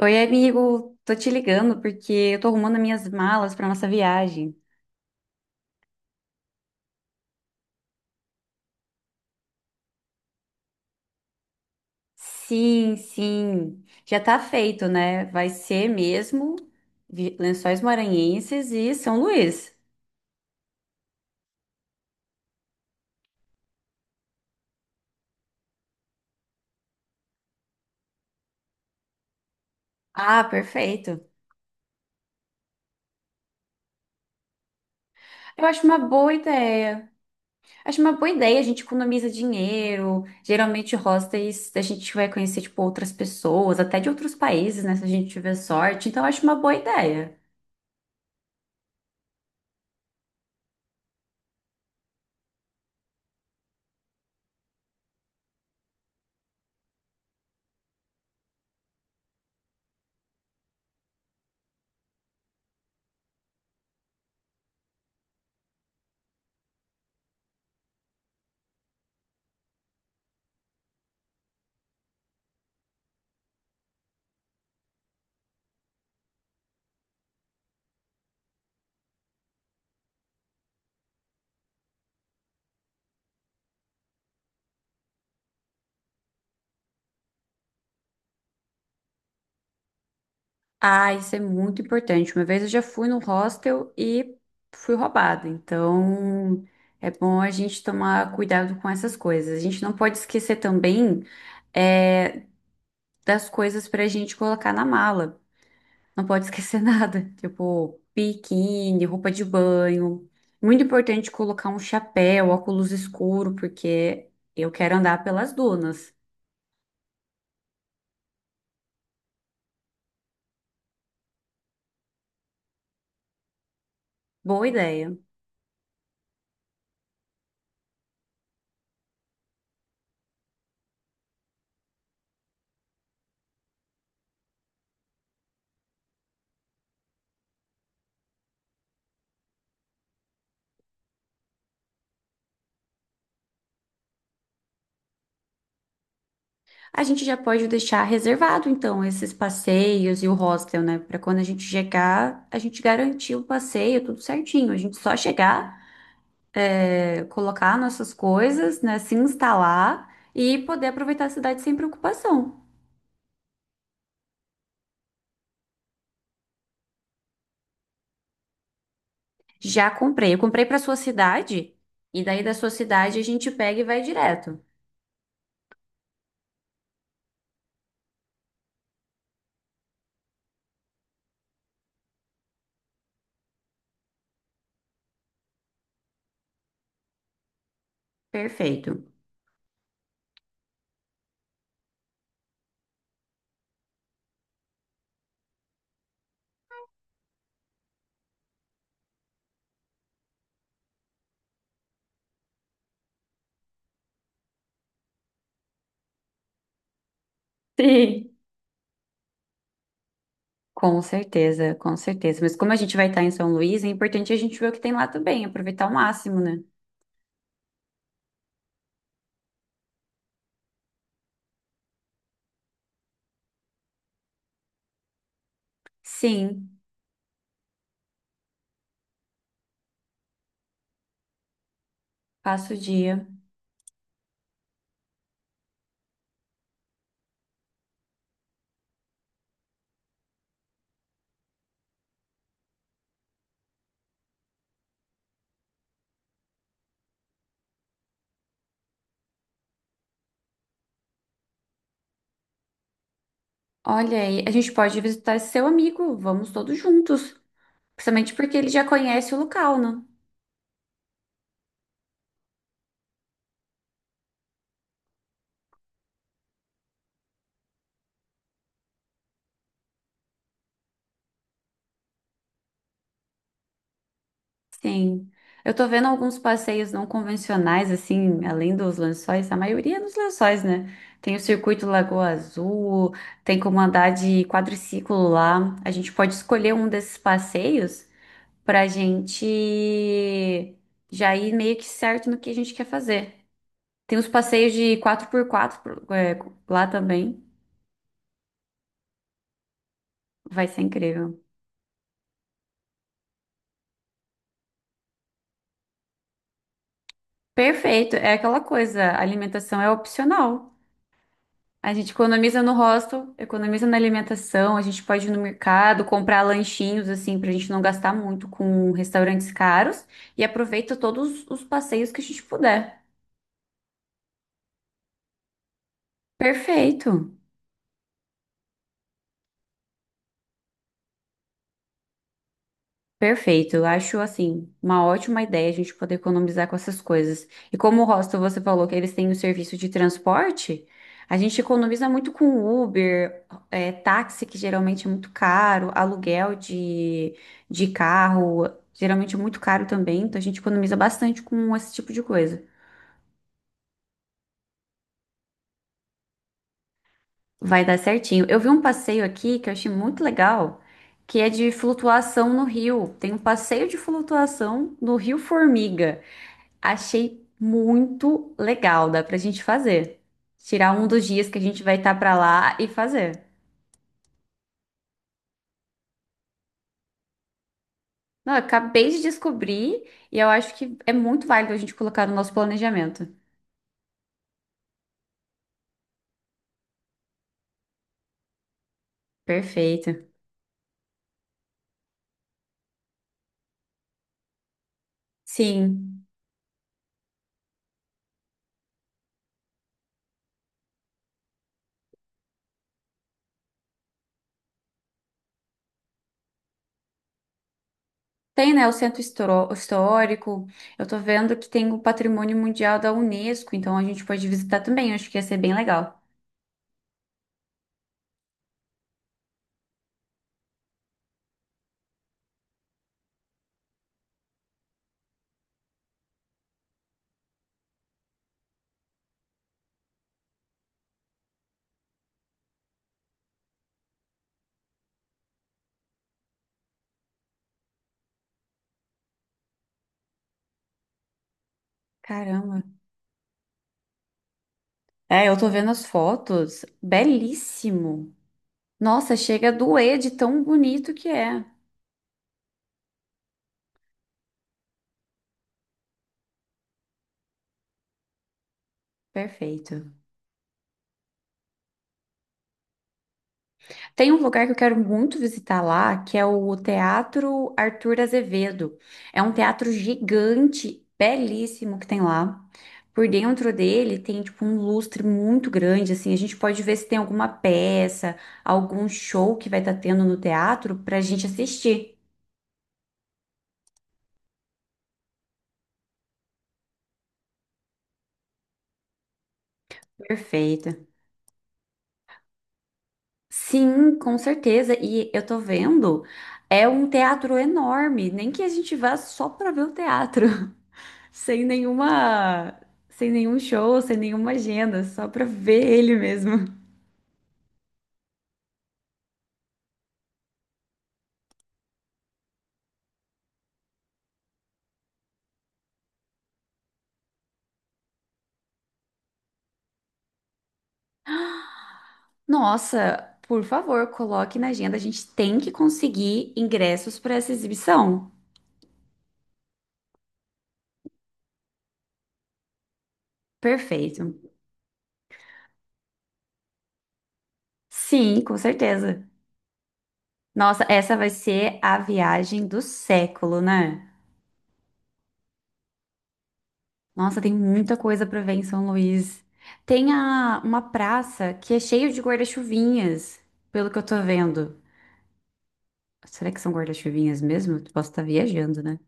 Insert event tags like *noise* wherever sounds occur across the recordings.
Oi, amigo, tô te ligando porque eu tô arrumando minhas malas para nossa viagem. Sim, sim, já tá feito, né? Vai ser mesmo Lençóis Maranhenses e São Luís. Ah, perfeito. Eu acho uma boa ideia. Acho uma boa ideia, a gente economiza dinheiro. Geralmente, hostels, a gente vai conhecer, tipo, outras pessoas, até de outros países, né? Se a gente tiver sorte. Então, eu acho uma boa ideia. Ah, isso é muito importante. Uma vez eu já fui no hostel e fui roubada. Então, é bom a gente tomar cuidado com essas coisas. A gente não pode esquecer também é, das coisas para a gente colocar na mala. Não pode esquecer *laughs* nada, tipo biquíni, roupa de banho. Muito importante colocar um chapéu, óculos escuro, porque eu quero andar pelas dunas. Boa ideia. A gente já pode deixar reservado, então, esses passeios e o hostel, né? Para quando a gente chegar, a gente garantir o passeio, tudo certinho. A gente só chegar, colocar nossas coisas, né? Se instalar e poder aproveitar a cidade sem preocupação. Já comprei. Eu comprei para sua cidade e daí da sua cidade a gente pega e vai direto. Perfeito. Sim. Com certeza, com certeza. Mas como a gente vai estar em São Luís, é importante a gente ver o que tem lá também, aproveitar ao máximo, né? Sim, passa o dia. Olha aí, a gente pode visitar esse seu amigo, vamos todos juntos. Principalmente porque ele já conhece o local, né? Sim. Eu tô vendo alguns passeios não convencionais, assim, além dos lençóis, a maioria é nos lençóis, né? Tem o circuito Lagoa Azul, tem como andar de quadriciclo lá. A gente pode escolher um desses passeios pra gente já ir meio que certo no que a gente quer fazer. Tem os passeios de quatro por quatro lá também. Vai ser incrível. Perfeito, é aquela coisa, a alimentação é opcional. A gente economiza no hostel, economiza na alimentação, a gente pode ir no mercado, comprar lanchinhos assim pra gente não gastar muito com restaurantes caros e aproveita todos os passeios que a gente puder. Perfeito. Perfeito, eu acho assim uma ótima ideia a gente poder economizar com essas coisas. E como o hostel você falou que eles têm o serviço de transporte, a gente economiza muito com Uber, táxi que geralmente é muito caro, aluguel de carro geralmente é muito caro também, então a gente economiza bastante com esse tipo de coisa. Vai dar certinho. Eu vi um passeio aqui que eu achei muito legal, que é de flutuação no rio. Tem um passeio de flutuação no Rio Formiga. Achei muito legal, dá pra gente fazer. Tirar um dos dias que a gente vai estar pra lá e fazer. Não, eu acabei de descobrir e eu acho que é muito válido a gente colocar no nosso planejamento. Perfeito. Sim. Tem, né, o histórico. Eu tô vendo que tem o Patrimônio Mundial da Unesco, então a gente pode visitar também. Eu acho que ia ser bem legal. Caramba. É, eu tô vendo as fotos. Belíssimo. Nossa, chega a doer de tão bonito que é. Perfeito. Tem um lugar que eu quero muito visitar lá, que é o Teatro Arthur Azevedo. É um teatro gigante, belíssimo que tem lá. Por dentro dele tem tipo um lustre muito grande, assim, a gente pode ver se tem alguma peça, algum show que vai estar tendo no teatro para a gente assistir. Perfeita. Sim, com certeza. E eu tô vendo, é um teatro enorme, nem que a gente vá só para ver o teatro. *laughs* sem nenhuma, sem nenhum show, sem nenhuma agenda, só pra ver ele mesmo. Nossa, por favor, coloque na agenda. A gente tem que conseguir ingressos para essa exibição. Perfeito. Sim, com certeza. Nossa, essa vai ser a viagem do século, né? Nossa, tem muita coisa para ver em São Luís. Tem a, uma praça que é cheia de guarda-chuvinhas, pelo que eu tô vendo. Será que são guarda-chuvinhas mesmo? Posso estar viajando, né?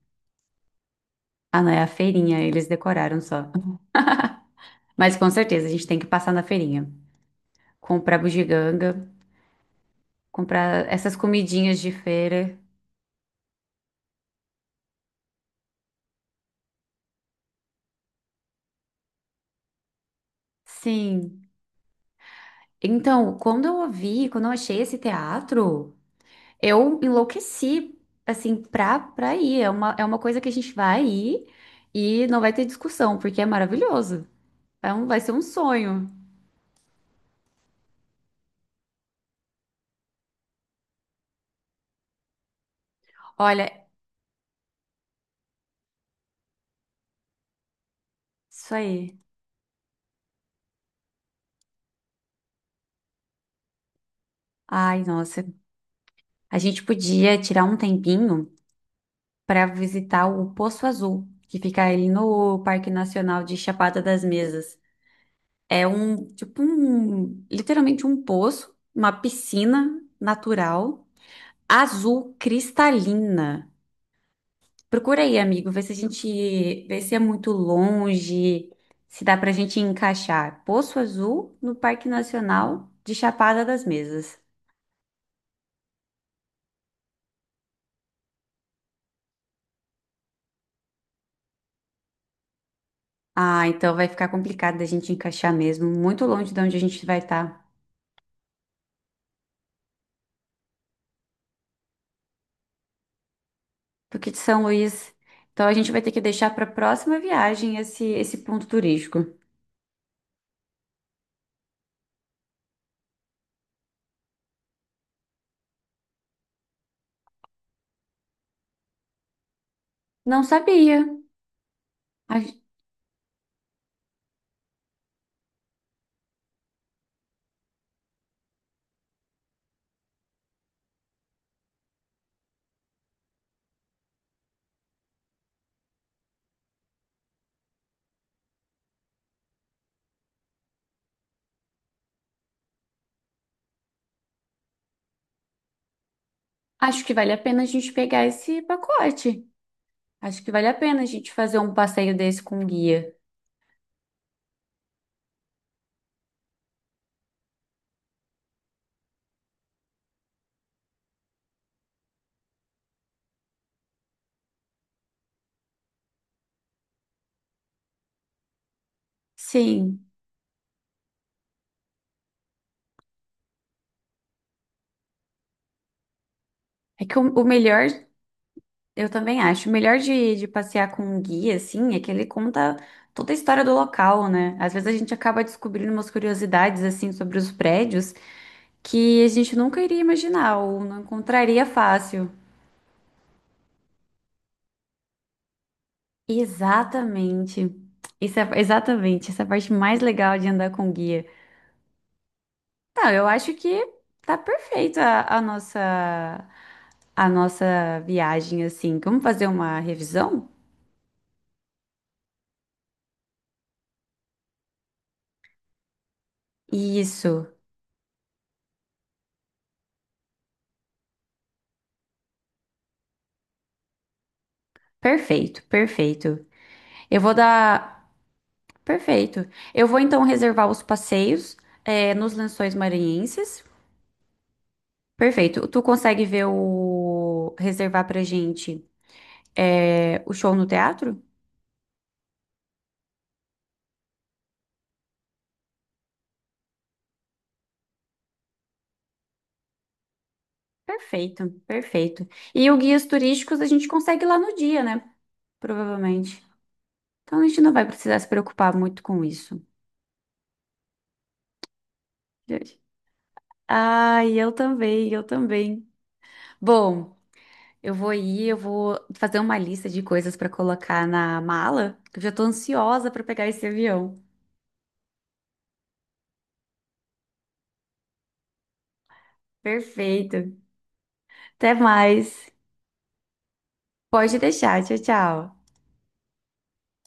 Ah, não, é a feirinha, eles decoraram só. Mas com certeza a gente tem que passar na feirinha. Comprar bugiganga, comprar essas comidinhas de feira. Sim. Então, quando eu ouvi, quando eu achei esse teatro, eu enlouqueci, assim, pra ir. É uma coisa que a gente vai ir e não vai ter discussão, porque é maravilhoso. Vai ser um sonho. Olha, isso aí. Ai, nossa. A gente podia tirar um tempinho para visitar o Poço Azul, que fica ali no Parque Nacional de Chapada das Mesas. Literalmente um poço, uma piscina natural, azul cristalina. Procura aí, amigo, vê se a gente, vê se é muito longe, se dá pra gente encaixar. Poço Azul no Parque Nacional de Chapada das Mesas. Ah, então vai ficar complicado da gente encaixar mesmo, muito longe de onde a gente vai estar. Do de São Luís. Então a gente vai ter que deixar para a próxima viagem esse ponto turístico. Não sabia. A- Acho que vale a pena a gente pegar esse pacote. Acho que vale a pena a gente fazer um passeio desse com um guia. Sim, é que o melhor, eu também acho, o melhor de passear com um guia, assim, é que ele conta toda a história do local, né? Às vezes a gente acaba descobrindo umas curiosidades, assim, sobre os prédios que a gente nunca iria imaginar ou não encontraria fácil. Exatamente. Isso é exatamente essa é a parte mais legal de andar com guia. Não, eu acho que tá perfeito a nossa viagem assim. Vamos fazer uma revisão? Isso. Perfeito, perfeito. Eu vou dar perfeito. Eu vou então reservar os passeios nos Lençóis Maranhenses. Perfeito. Tu consegue ver o reservar pra gente o show no teatro? Perfeito, perfeito. E o guias turísticos a gente consegue lá no dia, né? Provavelmente. Então a gente não vai precisar se preocupar muito com isso. Ai, eu também, eu também. Bom, eu vou ir, eu vou fazer uma lista de coisas para colocar na mala, que eu já tô ansiosa para pegar esse avião. Perfeito. Até mais. Pode deixar. Tchau, tchau.